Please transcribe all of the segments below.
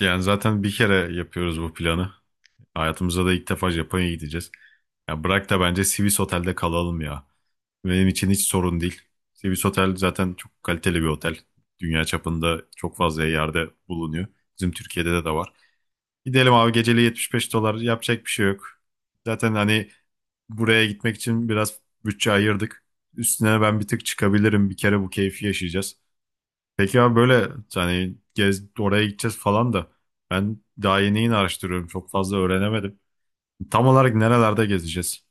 Yani zaten bir kere yapıyoruz bu planı. Hayatımızda da ilk defa Japonya'ya gideceğiz. Ya bırak da bence Swiss Otel'de kalalım ya. Benim için hiç sorun değil. Swiss Otel zaten çok kaliteli bir otel. Dünya çapında çok fazla yerde bulunuyor. Bizim Türkiye'de de var. Gidelim abi, geceliği 75 dolar, yapacak bir şey yok. Zaten hani buraya gitmek için biraz bütçe ayırdık. Üstüne ben bir tık çıkabilirim. Bir kere bu keyfi yaşayacağız. Peki abi, böyle hani gez, oraya gideceğiz falan da ben daha yeni araştırıyorum. Çok fazla öğrenemedim. Tam olarak nerelerde gezeceğiz?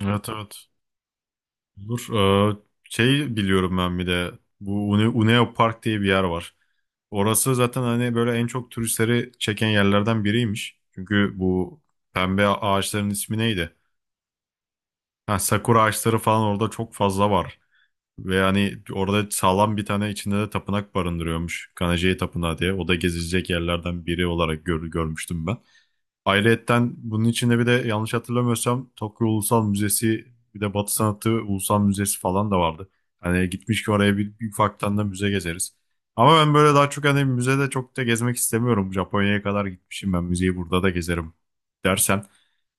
Evet, evet. Olur. Ee, Şey, biliyorum ben bir de bu Uneo Park diye bir yer var. Orası zaten hani böyle en çok turistleri çeken yerlerden biriymiş. Çünkü bu pembe ağaçların ismi neydi? Ha, sakura ağaçları falan orada çok fazla var. Ve hani orada sağlam bir tane, içinde de tapınak barındırıyormuş. Kanajayi Tapınağı diye. O da gezilecek yerlerden biri olarak görmüştüm ben. Ayrıyetten bunun içinde bir de, yanlış hatırlamıyorsam, Tokyo Ulusal Müzesi, bir de Batı Sanatı Ulusal Müzesi falan da vardı. Hani gitmiş ki oraya, bir ufaktan da müze gezeriz. Ama ben böyle daha çok hani müzede çok da gezmek istemiyorum. Japonya'ya kadar gitmişim ben, müzeyi burada da gezerim dersen.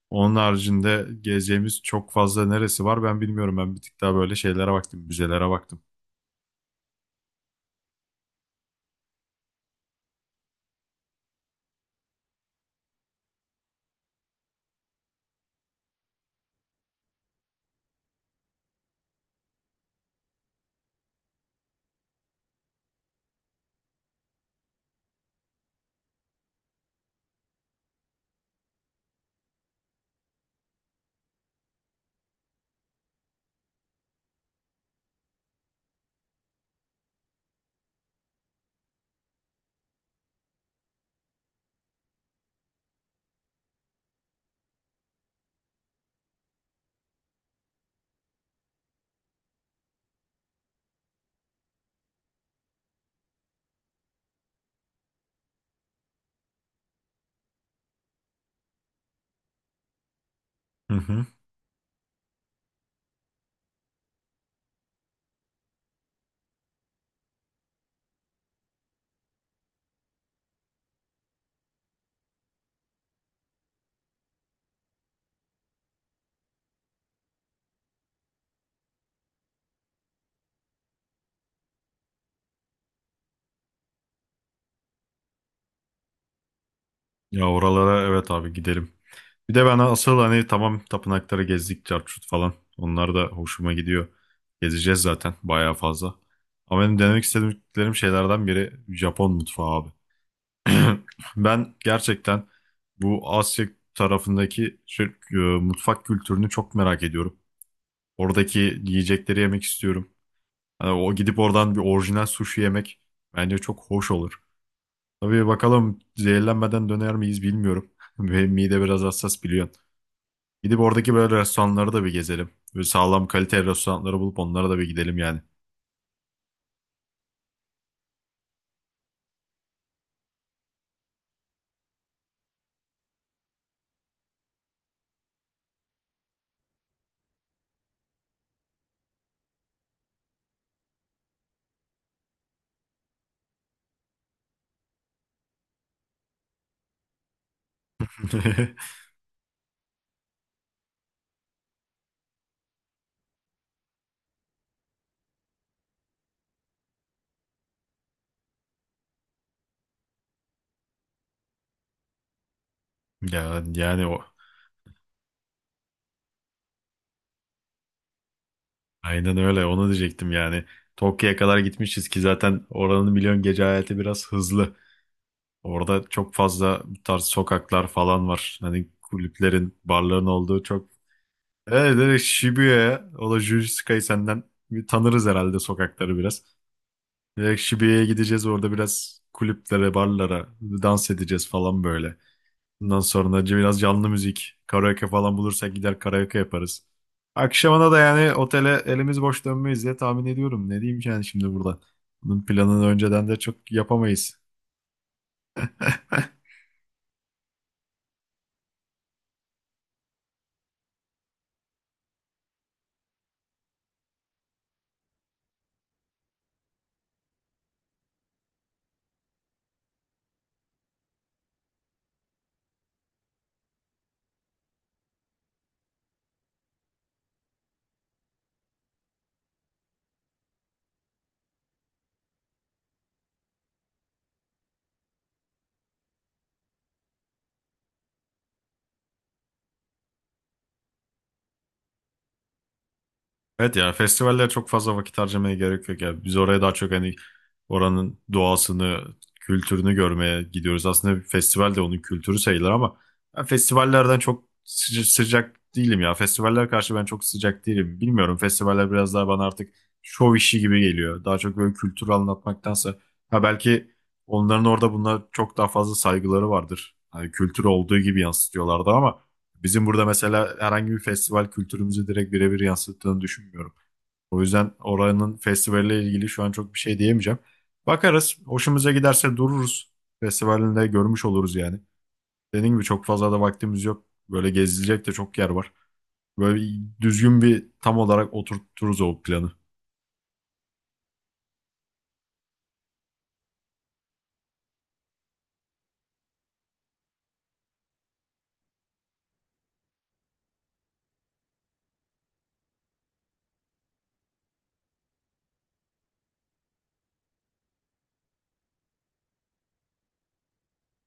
Onun haricinde gezeceğimiz çok fazla neresi var ben bilmiyorum. Ben bir tık daha böyle şeylere baktım, müzelere baktım. Hı hı. Ya oralara, evet abi, gidelim. Bir de ben asıl hani, tamam, tapınakları gezdik çarçurt falan. Onlar da hoşuma gidiyor. Gezeceğiz zaten bayağı fazla. Ama benim denemek istediklerim şeylerden biri Japon mutfağı abi. Ben gerçekten bu Asya tarafındaki şey, mutfak kültürünü çok merak ediyorum. Oradaki yiyecekleri yemek istiyorum. Hani o gidip oradan bir orijinal sushi yemek bence çok hoş olur. Tabii bakalım, zehirlenmeden döner miyiz bilmiyorum. Benim mide biraz hassas, biliyorsun. Gidip oradaki böyle restoranları da bir gezelim. Böyle sağlam kalite restoranları bulup onlara da bir gidelim yani. Ya, yani o, aynen öyle, onu diyecektim yani. Tokyo'ya kadar gitmişiz ki, zaten oranın milyon gece hayatı biraz hızlı. Orada çok fazla bu tarz sokaklar falan var. Hani kulüplerin, barların olduğu çok. Evet, evet, Shibuya'ya, o da Jujutsu Kaisen senden bir tanırız herhalde sokakları biraz. Direkt Şibiye'ye gideceğiz, orada biraz kulüplere, barlara, dans edeceğiz falan böyle. Bundan sonra biraz canlı müzik, karaoke falan bulursak gider karaoke yaparız. Akşamına da yani otele elimiz boş dönmeyiz diye tahmin ediyorum. Ne diyeyim ki yani şimdi burada? Bunun planını önceden de çok yapamayız. Evet ya, festivallere çok fazla vakit harcamaya gerek yok ya. Biz oraya daha çok hani oranın doğasını, kültürünü görmeye gidiyoruz. Aslında bir festival de onun kültürü sayılır ama ben festivallerden çok sıcak değilim ya. Festivaller karşı ben çok sıcak değilim. Bilmiyorum, festivaller biraz daha bana artık şov işi gibi geliyor. Daha çok böyle kültürü anlatmaktansa, ha belki onların orada buna çok daha fazla saygıları vardır. Hani kültür olduğu gibi yansıtıyorlardı ama bizim burada mesela herhangi bir festival kültürümüzü direkt birebir yansıttığını düşünmüyorum. O yüzden oranın festivalle ilgili şu an çok bir şey diyemeyeceğim. Bakarız. Hoşumuza giderse dururuz. Festivalinde görmüş oluruz yani. Dediğim gibi, çok fazla da vaktimiz yok. Böyle gezilecek de çok yer var. Böyle düzgün, bir tam olarak oturturuz o planı.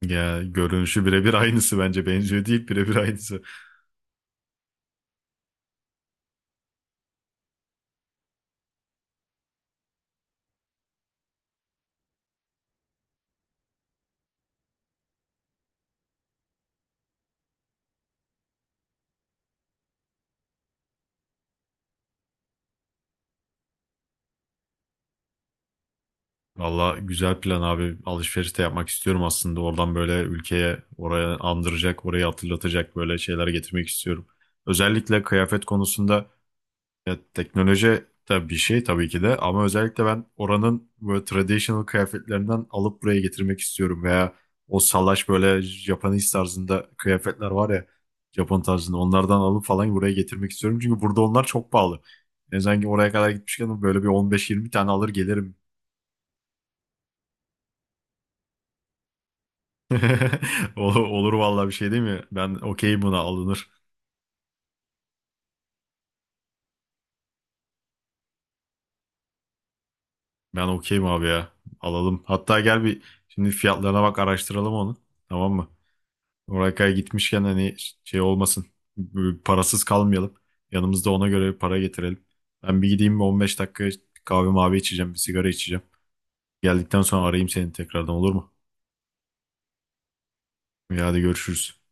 Ya, görünüşü birebir aynısı bence. Benziyor değil, birebir aynısı. Valla güzel plan abi. Alışveriş de yapmak istiyorum aslında. Oradan böyle ülkeye, oraya andıracak, orayı hatırlatacak böyle şeyler getirmek istiyorum. Özellikle kıyafet konusunda, ya, teknoloji de bir şey tabii ki de, ama özellikle ben oranın böyle traditional kıyafetlerinden alıp buraya getirmek istiyorum, veya o salaş böyle Japanese tarzında kıyafetler var ya, Japon tarzında, onlardan alıp falan buraya getirmek istiyorum. Çünkü burada onlar çok pahalı. Yani sanki oraya kadar gitmişken böyle bir 15-20 tane alır gelirim. Olur vallahi, bir şey değil mi? Ben okeyim, buna alınır. Ben okeyim abi ya. Alalım. Hatta gel bir, şimdi fiyatlarına bak, araştıralım onu. Tamam mı? Oraya gitmişken hani şey olmasın. Böyle parasız kalmayalım. Yanımızda ona göre para getirelim. Ben bir gideyim, bir 15 dakika kahve mavi içeceğim. Bir sigara içeceğim. Geldikten sonra arayayım seni tekrardan, olur mu? Ya hadi, görüşürüz.